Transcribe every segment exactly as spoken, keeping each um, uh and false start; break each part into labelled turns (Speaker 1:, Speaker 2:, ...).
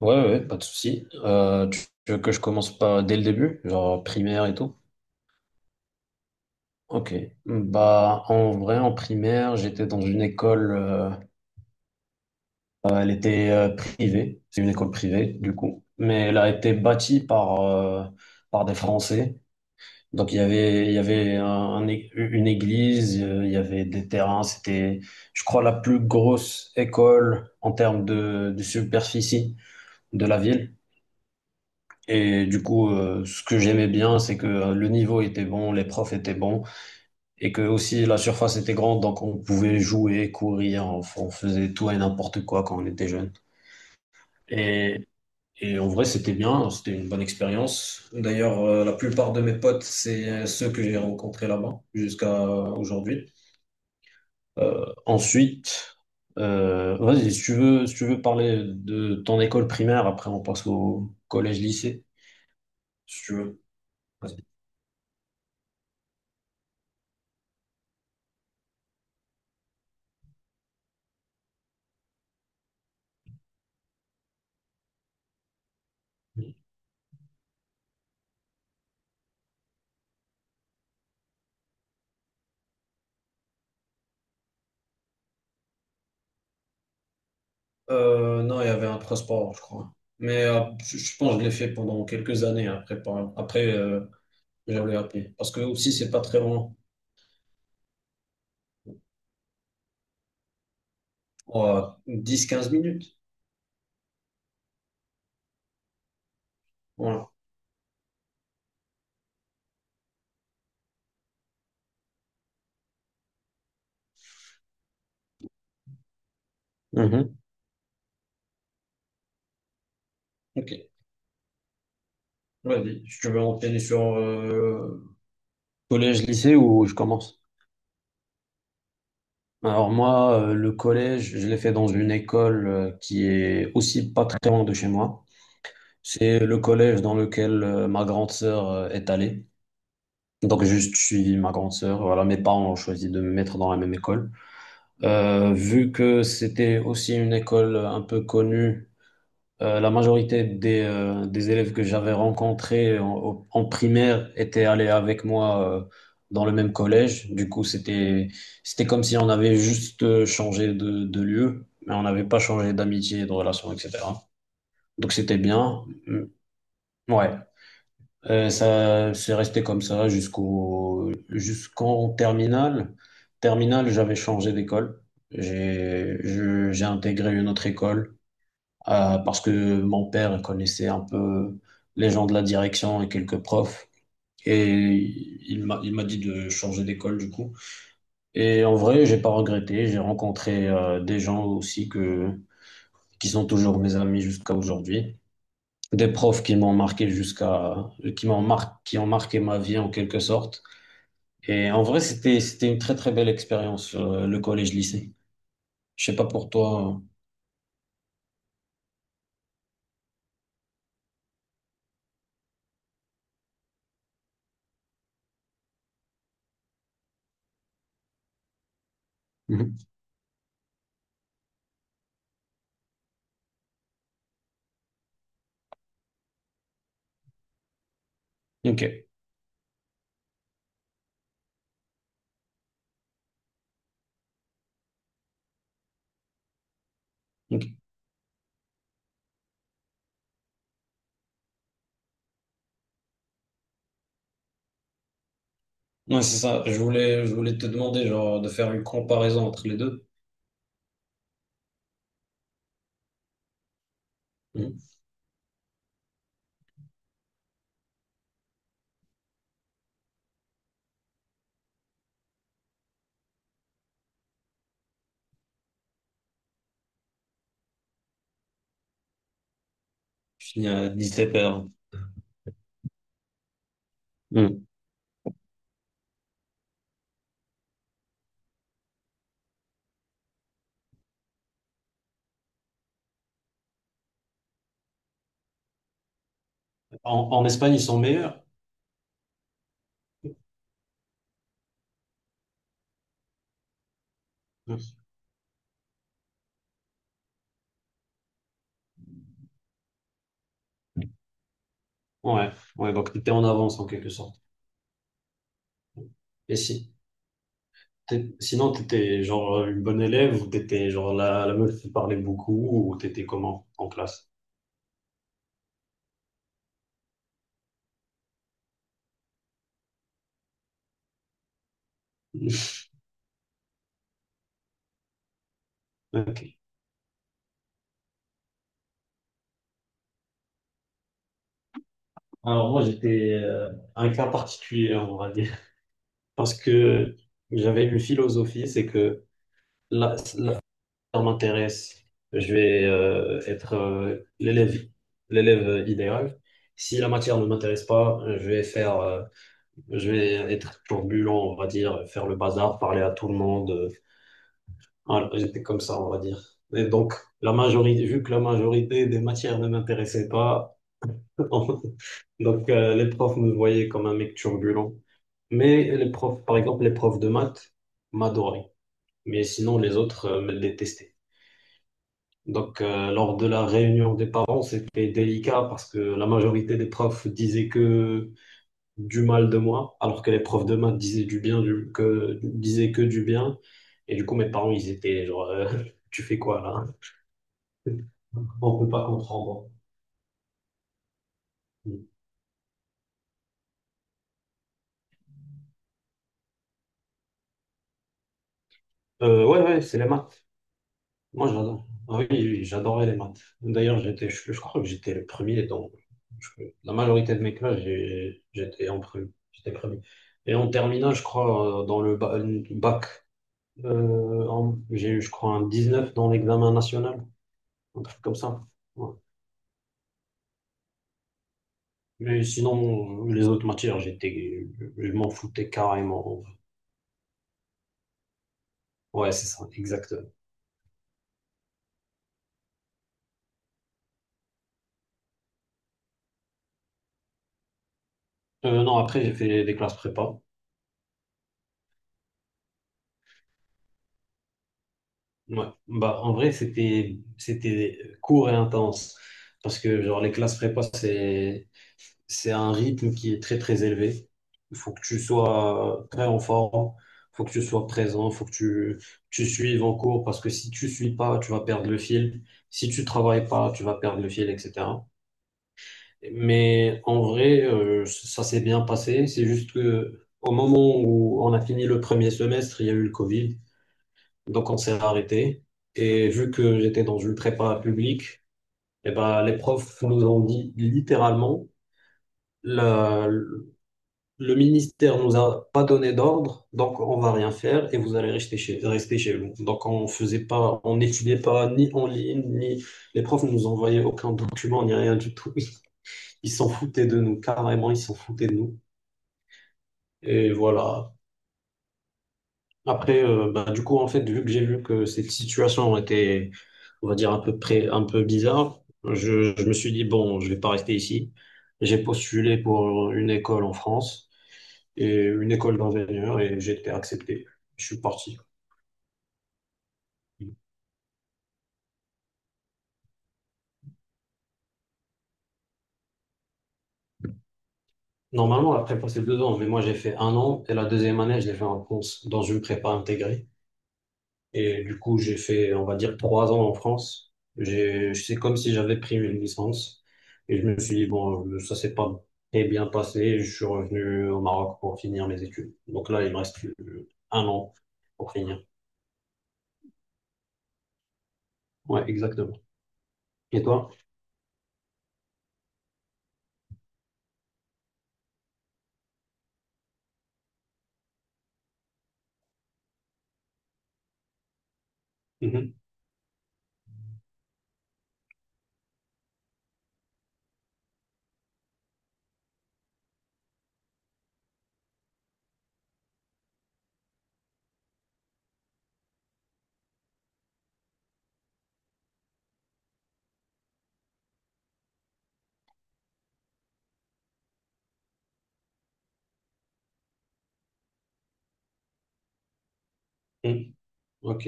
Speaker 1: Ouais, ouais, ouais, pas de souci. Euh, tu tu veux que je commence pas dès le début, genre primaire et tout? Ok. Bah, en vrai, en primaire, j'étais dans une école, euh, euh, elle était euh, privée, c'est une école privée du coup, mais elle a été bâtie par, euh, par des Français. Donc il y avait, il y avait un- un é- une église, euh, il y avait des terrains, c'était, je crois, la plus grosse école en termes de, de superficie de la ville. Et du coup, euh, ce que j'aimais bien, c'est que euh, le niveau était bon, les profs étaient bons, et que aussi la surface était grande, donc on pouvait jouer, courir, on, f- on faisait tout et n'importe quoi quand on était jeune. Et, et en vrai, c'était bien, c'était une bonne expérience. D'ailleurs, euh, la plupart de mes potes, c'est euh, ceux que j'ai rencontrés là-bas jusqu'à euh, aujourd'hui. Euh, ensuite, euh, vas-y, si tu veux, si tu veux parler de ton école primaire, après on passe au collège-lycée, si tu veux. Vas-y. Euh, non, il y avait un transport, je crois. Mais euh, je, je pense que je l'ai fait pendant quelques années après, par- après euh, j'avais appris. Parce que aussi, c'est pas très long. Dix, quinze minutes. Voilà. Mhm. Ok. Vas-y. Je veux enchaîner sur euh, collège, lycée ou je commence? Alors moi, euh, le collège, je l'ai fait dans une école euh, qui est aussi pas très loin de chez moi. C'est le collège dans lequel euh, ma grande sœur euh, est allée. Donc j'ai juste suivi ma grande sœur. Voilà, mes parents ont choisi de me mettre dans la même école. Euh, vu que c'était aussi une école un peu connue, euh, la majorité des, euh, des élèves que j'avais rencontrés en, au- en primaire étaient allés avec moi euh, dans le même collège. Du coup, c'était c'était comme si on avait juste euh, changé de, de lieu, mais on n'avait pas changé d'amitié, de relation, et cetera. Donc c'était bien. Mm. Ouais. Euh, ça, c'est resté comme ça jusqu'au jusqu'en terminale. Terminale, j'avais changé d'école. J'ai je- j'ai intégré une autre école euh, parce que mon père connaissait un peu les gens de la direction et quelques profs. Et il m'a il m'a dit de changer d'école du coup. Et en vrai, j'ai pas regretté. J'ai rencontré euh, des gens aussi que qui sont toujours mes amis jusqu'à aujourd'hui. Des profs qui m'ont marqué, jusqu'à, qui m'ont mar- qui ont marqué ma vie en quelque sorte. Et en vrai, c'était, c'était une très très belle expérience, euh, le collège-lycée. Je sais pas pour toi. euh. Mhm. Ok. Ok. Ouais, c'est ça. Je voulais, je voulais te demander genre de faire une comparaison entre les deux. Mhm. Je finis à dix-sept heures. Mhm. En, en Espagne, ils sont meilleurs. Mhm. Ouais. Ouais. Donc, t'étais en avance en quelque sorte. Et si. T'é- Sinon, t'étais genre une bonne élève ou t'étais genre la, la meuf qui parlait beaucoup ou t'étais comment en classe? Ok. Alors moi, j'étais euh, un cas particulier, on va dire, parce que j'avais une philosophie, c'est que là, là, ça m'intéresse, je vais euh, être euh, l'élève, l'élève idéal. Si la matière ne m'intéresse pas, je vais faire, euh, je vais être turbulent, on va dire, faire le bazar, parler à tout le monde, euh, Voilà, j'étais comme ça, on va dire. Et donc, la majorité, vu que la majorité des matières ne m'intéressait pas, donc euh, les profs me voyaient comme un mec turbulent. Mais les profs, par exemple, les profs de maths m'adoraient. Mais sinon, les autres euh, me détestaient. Donc, euh, lors de la réunion des parents, c'était délicat parce que la majorité des profs disaient que du mal de moi, alors que les profs de maths disaient du bien, du, que, disaient que du bien. Et du coup, mes parents, ils étaient genre, euh, tu fais quoi là? On peut pas comprendre. Euh, ouais, ouais, c'est les maths. Moi, j'adore. Ah oui, oui, j'adorais les maths. D'ailleurs, j'étais, je, je crois que j'étais le premier dans je- la majorité de mes classes, j'ai- j'étais en premier. J'étais premier. Et en terminale, je crois, euh, dans le ba- le bac, euh, en- j'ai eu, je crois, un dix-neuf dans l'examen national, un truc comme ça. Ouais. Mais sinon, les autres matières, j'étais, je m'en foutais carrément. Ouais, c'est ça, exactement. Euh, non, après, j'ai fait des classes prépa. Ouais. Bah, en vrai, c'était c'était court et intense parce que genre les classes prépa c'est c'est un rythme qui est très très élevé. Il faut que tu sois très en forme, il faut que tu sois présent, il faut que tu tu suives en cours parce que si tu suis pas, tu vas perdre le fil. Si tu travailles pas, tu vas perdre le fil, et cetera. Mais en vrai, euh, ça s'est bien passé. C'est juste que au moment où on a fini le premier semestre, il y a eu le Covid. Donc on s'est arrêté. Et vu que j'étais dans une prépa publique, eh ben, les profs nous ont dit littéralement, la- le ministère nous a pas donné d'ordre, donc on va rien faire et vous allez rester chez, rester chez vous. Donc on faisait pas, on n'étudiait pas ni en ligne, ni les profs ne nous envoyaient aucun document, ni rien du tout. Ils s'en foutaient de nous, carrément, ils s'en foutaient de nous. Et voilà. Après, euh, bah, du coup, en fait, vu que j'ai vu que cette situation était, on va dire, un peu près, un peu bizarre, je, je me suis dit, bon, je vais pas rester ici. J'ai postulé pour une école en France et une école d'ingénieur et j'ai été accepté. Je suis parti. Normalement, la prépa, c'est deux ans, mais moi, j'ai fait un an et la deuxième année, je l'ai fait en France, dans une prépa intégrée. Et du coup, j'ai fait, on va dire, trois ans en France. J'ai, c'est comme si j'avais pris une licence. Et je me suis dit, bon, ça s'est pas très bien passé. Je suis revenu au Maroc pour finir mes études. Donc là, il me reste euh, un an pour finir. Ouais, exactement. Et toi? Mhm. Mhm. Ok.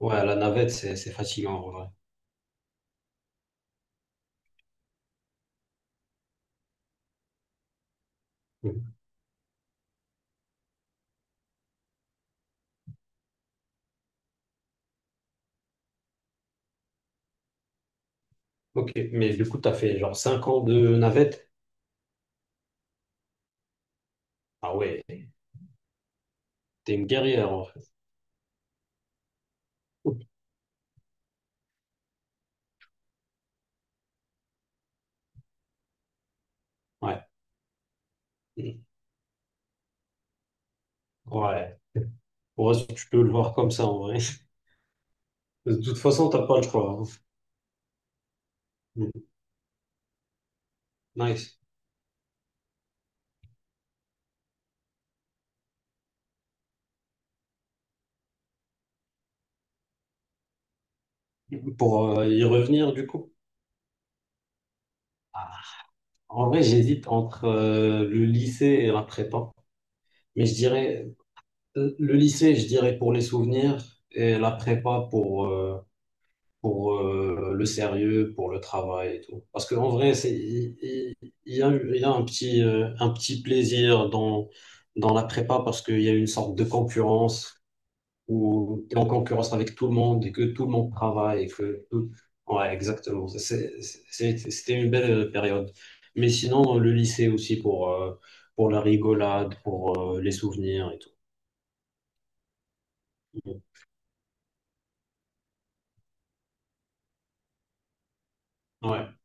Speaker 1: Ouais, la navette, c'est, c'est fatigant, en vrai. Mhm. Ok. Mais du coup, t'as fait genre cinq ans de navette? Ah ouais, t'es une guerrière, en fait. Ouais. Mhm. Ouais. Ouais, tu peux le voir comme ça, en vrai. De toute façon, t'as pas le choix, hein. Nice. Pour euh, y revenir, du coup, ah, en vrai, j'hésite entre euh, le lycée et la prépa. Mais je dirais, euh, le lycée, je dirais pour les souvenirs et la prépa pour, euh, pour euh, le sérieux, pour le travail et tout. Parce qu'en vrai, c'est, il il- il y, a, eu- il y a un petit, euh, un petit plaisir dans, dans la prépa parce qu'il y a une sorte de concurrence où tu es en concurrence avec tout le monde et que tout le monde travaille et que tout... Ouais, exactement. c'est- c'est- C'était une belle euh, période. Mais sinon, euh, le lycée aussi pour, euh, pour la rigolade, pour euh, les souvenirs et tout. Ouais,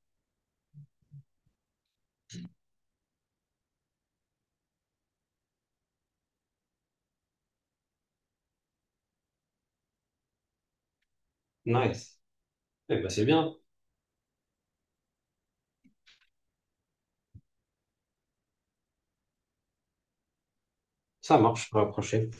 Speaker 1: nice. Eh ben, c'est bien. Ça marche pour la prochaine.